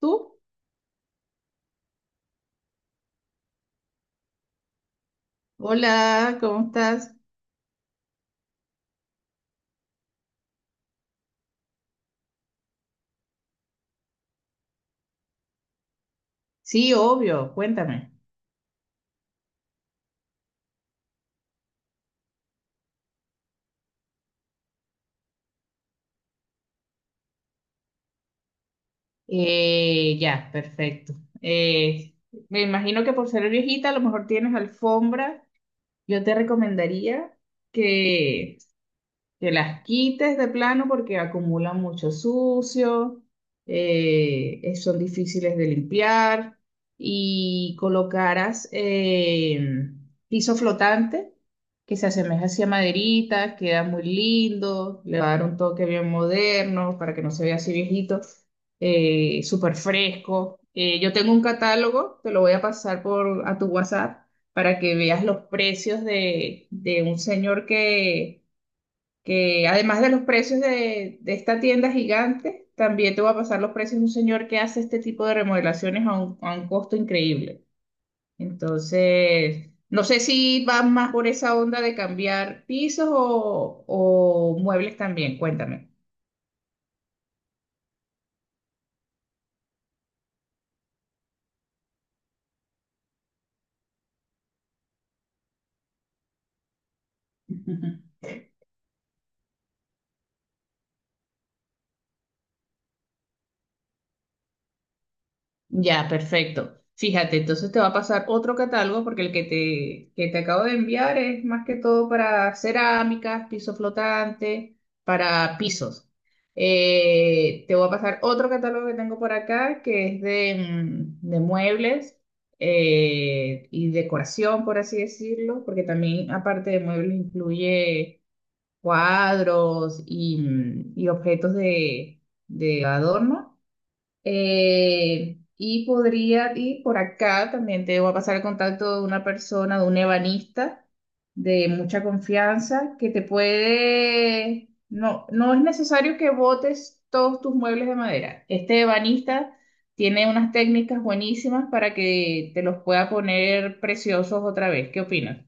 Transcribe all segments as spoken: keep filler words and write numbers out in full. ¿Tú? Hola, ¿cómo estás? Sí, obvio, cuéntame. Eh, ya, perfecto. Eh, Me imagino que por ser viejita a lo mejor tienes alfombra. Yo te recomendaría que que las quites de plano porque acumulan mucho sucio, eh, eh, son difíciles de limpiar y colocaras eh, piso flotante que se asemeja así a maderitas, queda muy lindo, le va a dar un toque bien moderno para que no se vea así viejito, eh, súper fresco. Eh, yo tengo un catálogo, te lo voy a pasar por a tu WhatsApp para que veas los precios de, de un señor que que además de los precios de, de esta tienda gigante, también te va a pasar los precios de un señor que hace este tipo de remodelaciones a un, a un costo increíble. Entonces, no sé si vas más por esa onda de cambiar pisos o, o muebles también, cuéntame. Ya, perfecto. Fíjate, entonces te va a pasar otro catálogo porque el que te, que te acabo de enviar es más que todo para cerámicas, piso flotante, para pisos. Eh, te voy a pasar otro catálogo que tengo por acá que es de, mm, de muebles eh, y decoración, por así decirlo, porque también aparte de muebles incluye cuadros y, mm, y objetos de, de adorno. Eh, y podría, y por acá también te voy a pasar el contacto de una persona, de un ebanista de mucha confianza, que te puede, no, no es necesario que botes todos tus muebles de madera. Este ebanista tiene unas técnicas buenísimas para que te los pueda poner preciosos otra vez. ¿Qué opinas?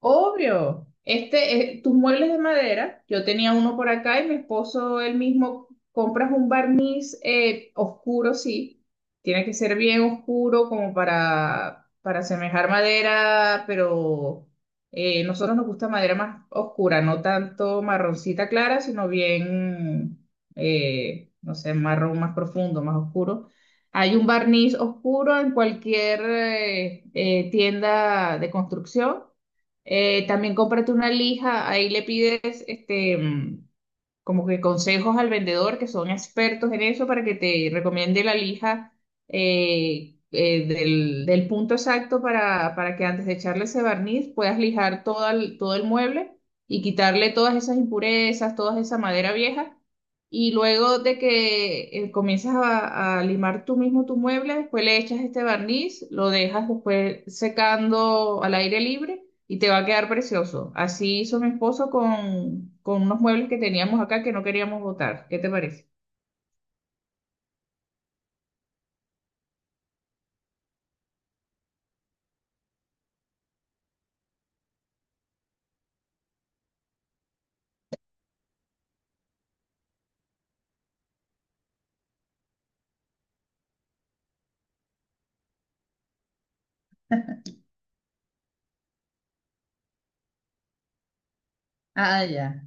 Obvio. Este, eh, tus muebles de madera, yo tenía uno por acá y mi esposo él mismo compras un barniz eh, oscuro, sí. Tiene que ser bien oscuro como para, para asemejar madera, pero eh, nosotros nos gusta madera más oscura, no tanto marroncita clara, sino bien, eh, no sé, marrón más profundo, más oscuro. Hay un barniz oscuro en cualquier eh, eh, tienda de construcción. Eh, también cómprate una lija, ahí le pides este, mm, como que consejos al vendedor que son expertos en eso para que te recomiende la lija eh, eh, del, del punto exacto para, para que antes de echarle ese barniz puedas lijar todo el, todo el mueble y quitarle todas esas impurezas, toda esa madera vieja. Y luego de que eh, comienzas a, a limar tú mismo tu mueble, después le echas este barniz, lo dejas después secando al aire libre y te va a quedar precioso. Así hizo mi esposo con, con unos muebles que teníamos acá que no queríamos botar. ¿Qué te parece? Ah, ya.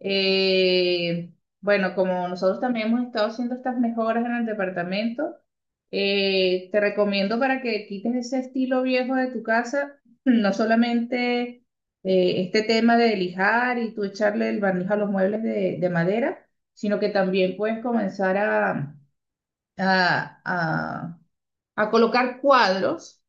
Eh, bueno, como nosotros también hemos estado haciendo estas mejoras en el departamento, eh, te recomiendo para que quites ese estilo viejo de tu casa, no solamente eh, este tema de lijar y tú echarle el barniz a los muebles de, de madera, sino que también puedes comenzar a, a, a a colocar cuadros,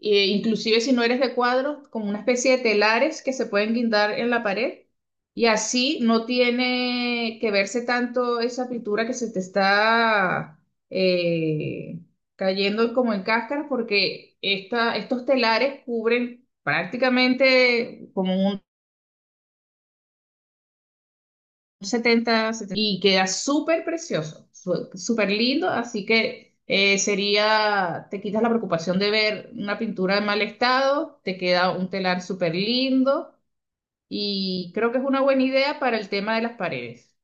e inclusive si no eres de cuadros, como una especie de telares que se pueden guindar en la pared. Y así no tiene que verse tanto esa pintura que se te está eh, cayendo como en cáscara, porque esta, estos telares cubren prácticamente como setenta 70, y queda súper precioso, su- súper lindo, así que eh, sería, te quitas la preocupación de ver una pintura en mal estado, te queda un telar súper lindo y creo que es una buena idea para el tema de las paredes.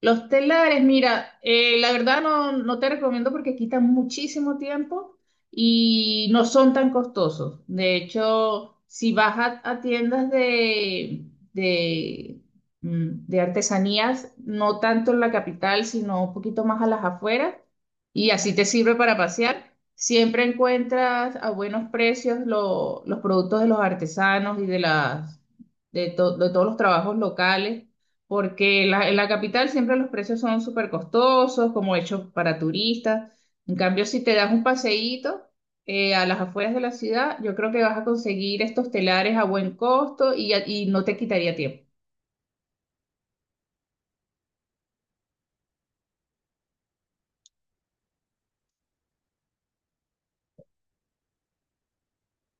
Los telares, mira, eh, la verdad no, no te recomiendo porque quitan muchísimo tiempo y no son tan costosos. De hecho, si vas a, a tiendas de, de, mm, de artesanías, no tanto en la capital, sino un poquito más a las afueras, y así te sirve para pasear, siempre encuentras a buenos precios lo- los productos de los artesanos y de, las, de to- de todos los trabajos locales porque la- en la capital siempre los precios son súper costosos, como hechos para turistas. En cambio, si te das un paseíto eh, a las afueras de la ciudad, yo creo que vas a conseguir estos telares a buen costo y, y no te quitaría tiempo.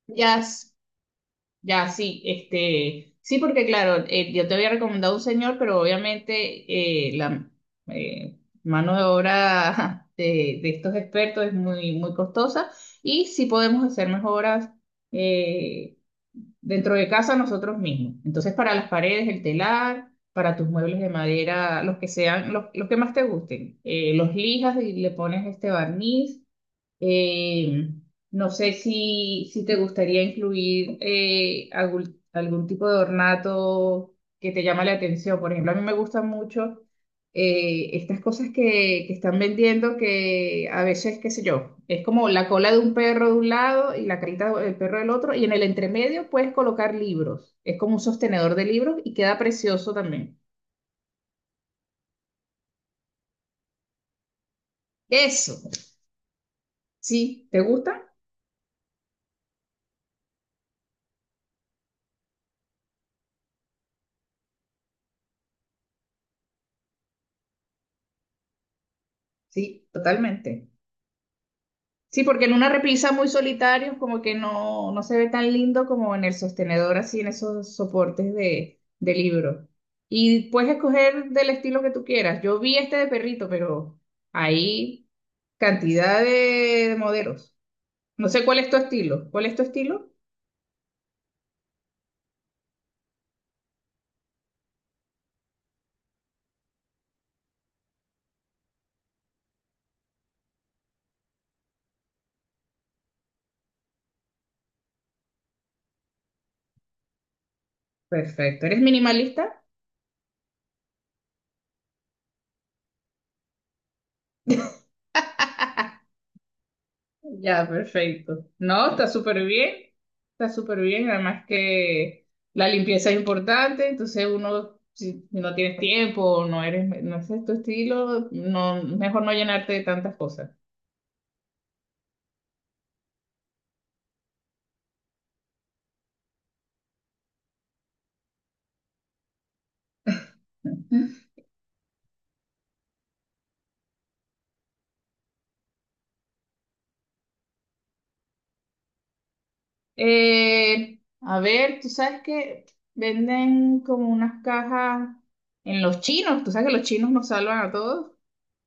Ya, ya, sí, este, sí, porque claro, eh, yo te había recomendado un señor, pero obviamente eh, la eh, mano de obra de, de estos expertos es muy, muy costosa y sí podemos hacer mejoras eh, dentro de casa nosotros mismos. Entonces, para las paredes, el telar, para tus muebles de madera, los que sean, los, los que más te gusten, eh, los lijas y le pones este barniz eh, no sé si, si te gustaría incluir eh, algún, algún tipo de ornato que te llama la atención. Por ejemplo, a mí me gustan mucho eh, estas cosas que, que están vendiendo que a veces, qué sé yo, es como la cola de un perro de un lado y la carita del perro del otro y en el entremedio puedes colocar libros. Es como un sostenedor de libros y queda precioso también. Eso, ¿sí? ¿Te gusta? Sí, totalmente. Sí, porque en una repisa muy solitario como que no, no se ve tan lindo como en el sostenedor, así en esos soportes de, de libro. Y puedes escoger del estilo que tú quieras. Yo vi este de perrito, pero hay cantidad de, de modelos. No sé cuál es tu estilo. ¿Cuál es tu estilo? Perfecto. ¿Eres minimalista? Ya, perfecto. No, está súper bien, está súper bien. Además que la limpieza es importante, entonces uno, si si no tienes tiempo o no eres, no es tu estilo, no, mejor no llenarte de tantas cosas. Eh, a ver, tú sabes que venden como unas cajas en los chinos, tú sabes que los chinos nos salvan a todos,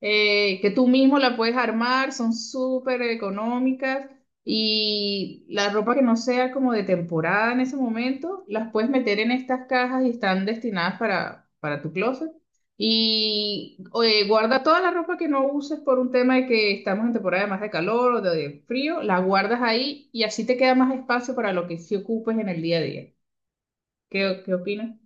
eh, que tú mismo la puedes armar, son súper económicas y la ropa que no sea como de temporada en ese momento, las puedes meter en estas cajas y están destinadas para, para tu closet. Y oye, guarda toda la ropa que no uses por un tema de que estamos en temporada más de calor o de frío, la guardas ahí y así te queda más espacio para lo que sí ocupes en el día a día. ¿Qué, qué opinas?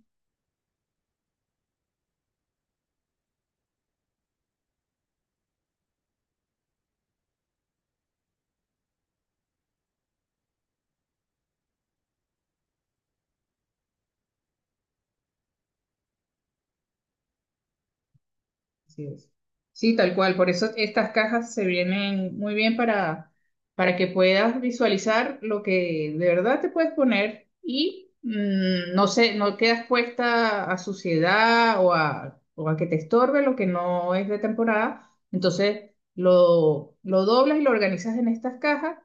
Así es. Sí, tal cual. Por eso estas cajas se vienen muy bien para, para que puedas visualizar lo que de verdad te puedes poner y mm, no sé, no quedas puesta a suciedad o a, o a que te estorbe lo que no es de temporada. Entonces lo, lo doblas y lo organizas en estas cajas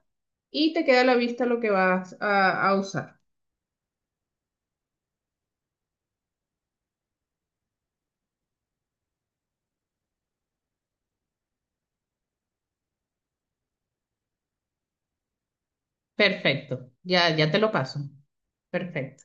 y te queda a la vista lo que vas a, a usar. Perfecto. Ya, ya te lo paso. Perfecto.